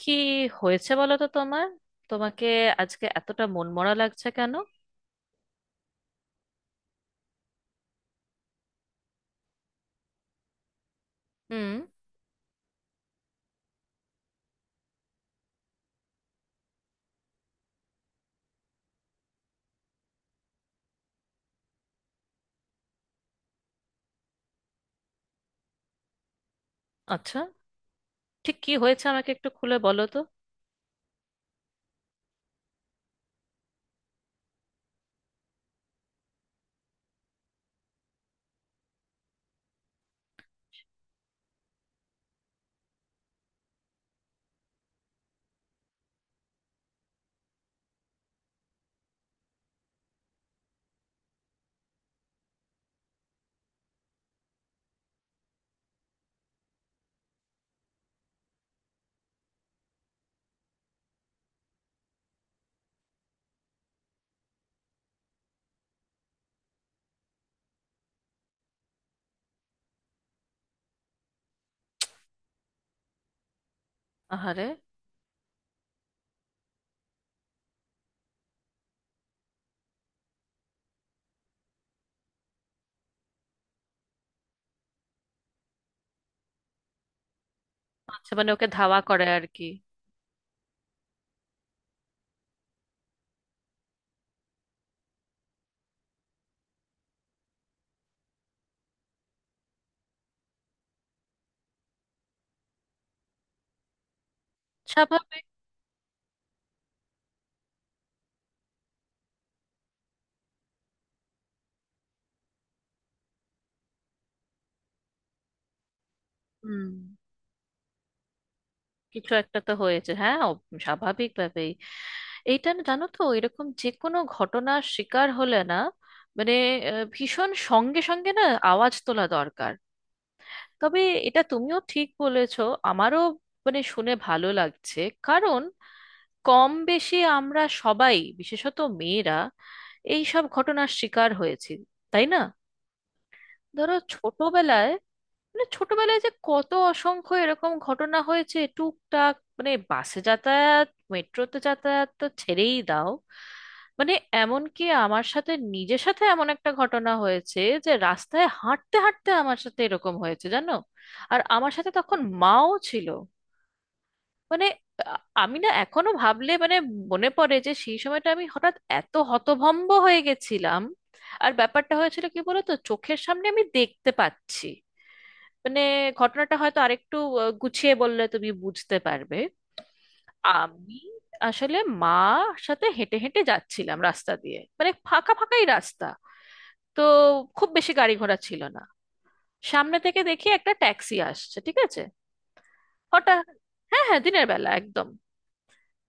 কি হয়েছে বলো তো তোমার? তোমাকে আজকে এতটা মনমরা লাগছে কেন? হুম। আচ্ছা, ঠিক কি হয়েছে আমাকে একটু খুলে বলো তো। আহারে। আচ্ছা, মানে ওকে ধাওয়া করে আর কি। স্বাভাবিক। হুম, কিছু একটা তো হয়েছে। হ্যাঁ, স্বাভাবিকভাবেই এইটা, না জানো তো, এরকম যে কোনো ঘটনার শিকার হলে না, মানে ভীষণ সঙ্গে সঙ্গে না আওয়াজ তোলা দরকার। তবে এটা তুমিও ঠিক বলেছো, আমারও মানে শুনে ভালো লাগছে। কারণ কম বেশি আমরা সবাই, বিশেষত মেয়েরা, এই সব ঘটনার শিকার হয়েছি, তাই না? ধরো ছোটবেলায়, মানে ছোটবেলায় যে কত অসংখ্য এরকম ঘটনা হয়েছে, টুকটাক, মানে বাসে যাতায়াত, মেট্রোতে যাতায়াত তো ছেড়েই দাও। মানে এমনকি আমার সাথে, নিজের সাথে এমন একটা ঘটনা হয়েছে, যে রাস্তায় হাঁটতে হাঁটতে আমার সাথে এরকম হয়েছে জানো। আর আমার সাথে তখন মাও ছিল। মানে আমি না এখনো ভাবলে মানে মনে পড়ে যে সেই সময়টা আমি হঠাৎ এত হতভম্ব হয়ে গেছিলাম। আর ব্যাপারটা হয়েছিল কি বলতো, চোখের সামনে আমি দেখতে পাচ্ছি। মানে ঘটনাটা হয়তো আরেকটু গুছিয়ে বললে তুমি বুঝতে পারবে। আমি আসলে মার সাথে হেঁটে হেঁটে যাচ্ছিলাম রাস্তা দিয়ে, মানে ফাঁকা ফাঁকাই রাস্তা, তো খুব বেশি গাড়ি ঘোড়া ছিল না। সামনে থেকে দেখি একটা ট্যাক্সি আসছে, ঠিক আছে। হঠাৎ, হ্যাঁ হ্যাঁ, দিনের বেলা একদম।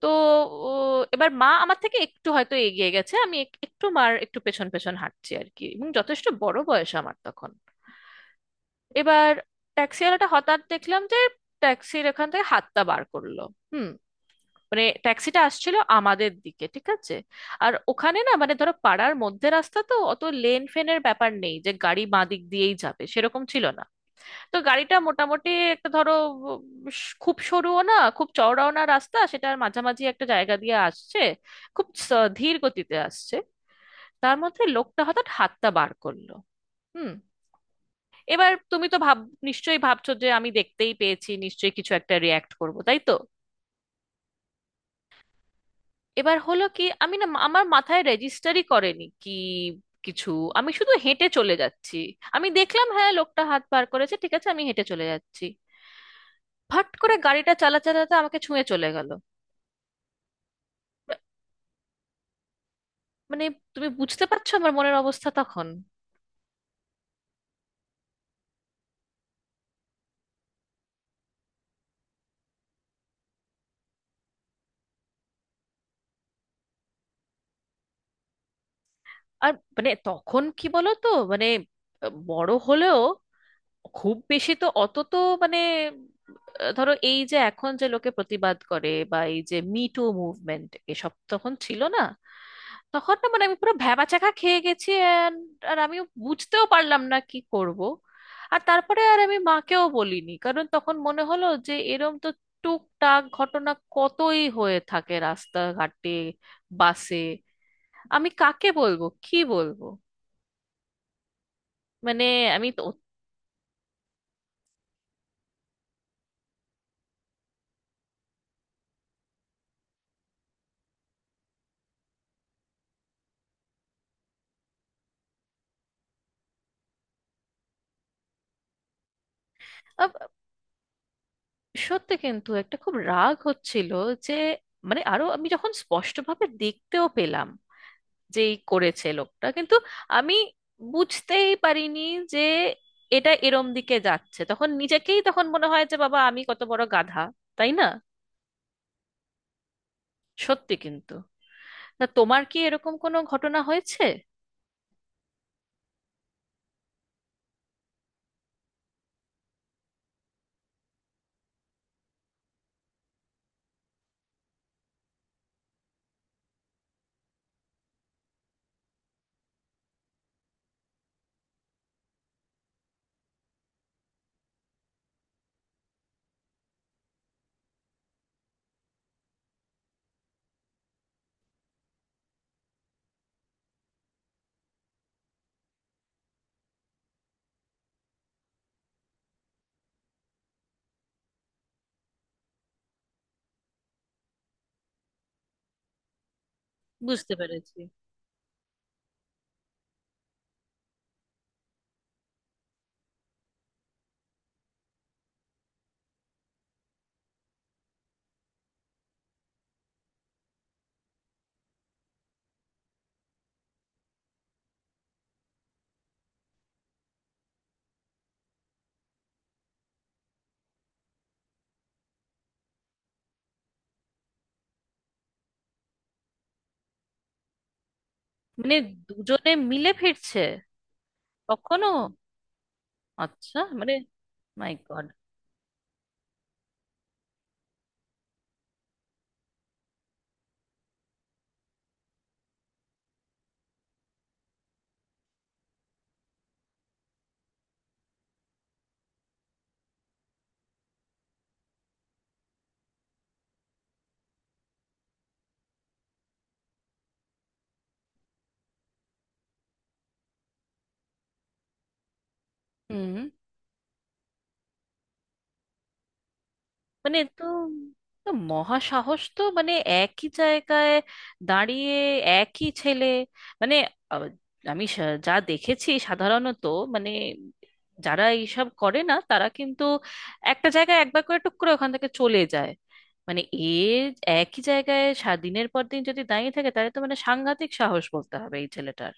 তো ও, এবার মা আমার থেকে একটু হয়তো এগিয়ে গেছে, আমি একটু মার একটু পেছন পেছন হাঁটছি আর কি, এবং যথেষ্ট বড় বয়স আমার তখন। এবার ট্যাক্সিওয়ালাটা হঠাৎ দেখলাম যে ট্যাক্সির এখান থেকে হাতটা বার করলো। হুম। মানে ট্যাক্সিটা আসছিল আমাদের দিকে, ঠিক আছে। আর ওখানে না, মানে ধরো পাড়ার মধ্যে রাস্তা, তো অত লেন ফেনের ব্যাপার নেই যে গাড়ি বাঁ দিক দিয়েই যাবে, সেরকম ছিল না। তো গাড়িটা মোটামুটি একটা ধরো, উম, খুব সরুও না খুব চওড়াও না রাস্তা, সেটার মাঝামাঝি একটা জায়গা দিয়ে আসছে। খুব ধীর গতিতে আসছে। তার মধ্যে লোকটা হঠাৎ হাতটা বার করলো। হুম। এবার তুমি তো ভাব, নিশ্চয়ই ভাবছো যে আমি দেখতেই পেয়েছি, নিশ্চয়ই কিছু একটা রিয়াক্ট করব, তাই তো? এবার হলো কি, আমি না, আমার মাথায় রেজিস্টারই করেনি কি কিছু। আমি শুধু হেঁটে চলে যাচ্ছি। আমি দেখলাম হ্যাঁ লোকটা হাত বার করেছে, ঠিক আছে, আমি হেঁটে চলে যাচ্ছি। ফট করে গাড়িটা চালাতে আমাকে ছুঁয়ে চলে গেল। মানে তুমি বুঝতে পারছো আমার মনের অবস্থা তখন। আর মানে তখন কি বলো তো, মানে বড় হলেও খুব বেশি তো অত তো, মানে ধরো এই যে এখন যে লোকে প্রতিবাদ করে বা এই যে মি টু মুভমেন্ট, এসব তখন ছিল না। তখন না মানে আমি পুরো ভ্যাবাচ্যাকা খেয়ে গেছি আর আমিও বুঝতেও পারলাম না কি করব। আর তারপরে আর আমি মাকেও বলিনি, কারণ তখন মনে হলো যে এরম তো টুকটাক ঘটনা কতই হয়ে থাকে রাস্তাঘাটে, বাসে, আমি কাকে বলবো কি বলবো? মানে আমি তো, সত্যি কিন্তু একটা খুব রাগ হচ্ছিল। যে মানে আরো আমি যখন স্পষ্টভাবে দেখতেও পেলাম যে এই করেছে লোকটা, কিন্তু আমি বুঝতেই পারিনি যে এটা এরম দিকে যাচ্ছে। তখন নিজেকেই তখন মনে হয় যে বাবা আমি কত বড় গাধা, তাই না? সত্যি কিন্তু। না তোমার কি এরকম কোনো ঘটনা হয়েছে? বুঝতে পেরেছি। মানে দুজনে মিলে ফিরছে? কখনো? আচ্ছা মানে, মাই গড। হুম। মানে তো, তো মহাসাহস তো, মানে একই জায়গায় দাঁড়িয়ে, একই ছেলে, মানে আহ, আমি যা দেখেছি সাধারণত, মানে যারা এইসব করে না তারা কিন্তু একটা জায়গায় একবার করে টুক করে ওখান থেকে চলে যায়। মানে একই জায়গায় সারা দিনের পর দিন যদি দাঁড়িয়ে থাকে, তাহলে তো মানে সাংঘাতিক সাহস বলতে হবে এই ছেলেটার।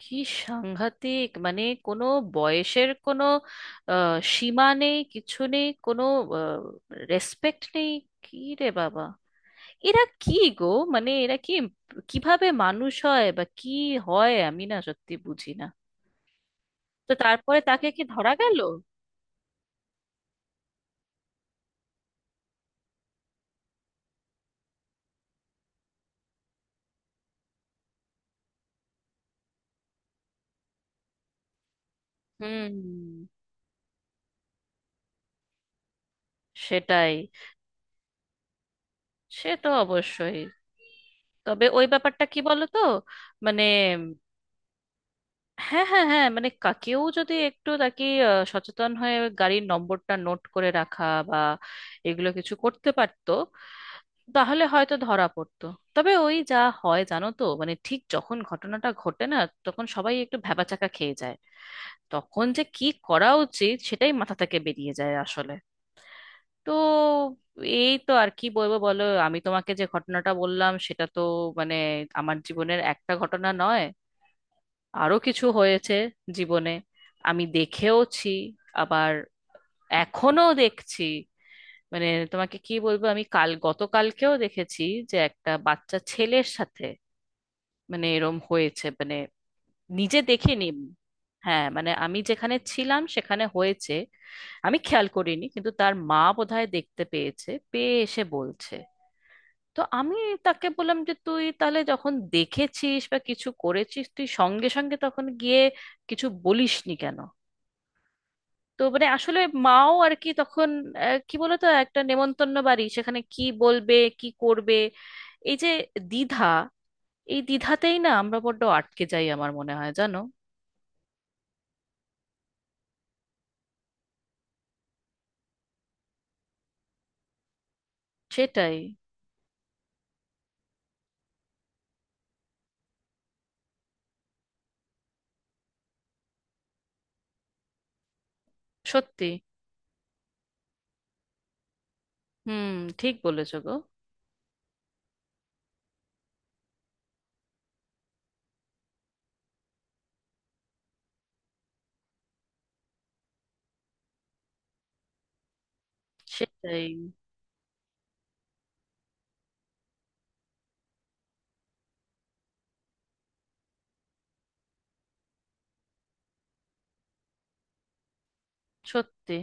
কি সাংঘাতিক! মানে কোনো বয়সের কোনো সীমা নেই, কিছু নেই, কোনো রেসপেক্ট নেই। কি রে বাবা, এরা কি গো! মানে এরা কি, কিভাবে মানুষ হয় বা কি হয়, আমি না সত্যি বুঝি না। তো তারপরে তাকে কি ধরা গেল? হুম। সেটাই। সে তো অবশ্যই। তবে ওই ব্যাপারটা কি বলো তো, মানে হ্যাঁ হ্যাঁ হ্যাঁ, মানে কেউ যদি একটু তাকে সচেতন হয়ে গাড়ির নম্বরটা নোট করে রাখা বা এগুলো কিছু করতে পারতো, তাহলে হয়তো ধরা পড়তো। তবে ওই যা হয় জানো তো, মানে ঠিক যখন ঘটনাটা ঘটে না, তখন সবাই একটু ভ্যাবাচ্যাকা খেয়ে যায়। তখন যে কি করা উচিত সেটাই মাথা থেকে বেরিয়ে যায় আসলে। তো এই তো, আর কি বলবো বলো, আমি তোমাকে যে ঘটনাটা বললাম সেটা তো মানে আমার জীবনের একটা ঘটনা নয়। আরো কিছু হয়েছে জীবনে, আমি দেখেওছি, আবার এখনো দেখছি। মানে তোমাকে কি বলবো, আমি কাল, গতকালকেও দেখেছি যে একটা বাচ্চা ছেলের সাথে মানে এরম হয়েছে, মানে নিজে দেখিনি, হ্যাঁ মানে আমি যেখানে ছিলাম সেখানে হয়েছে। আমি খেয়াল করিনি, কিন্তু তার মা বোধহয় দেখতে পেয়েছে, পেয়ে এসে বলছে। তো আমি তাকে বললাম যে তুই তাহলে যখন দেখেছিস বা কিছু করেছিস, তুই সঙ্গে সঙ্গে তখন গিয়ে কিছু বলিসনি কেন? তো মানে আসলে মাও আর কি তখন, কি বলতো, একটা নেমন্তন্ন বাড়ি, সেখানে কি বলবে কি করবে। এই যে দ্বিধা, এই দ্বিধাতেই না আমরা বড্ড আটকে যাই, আমার মনে হয় জানো। সেটাই সত্যি। হুম, ঠিক বলেছো গো। সেটাই সত্যি।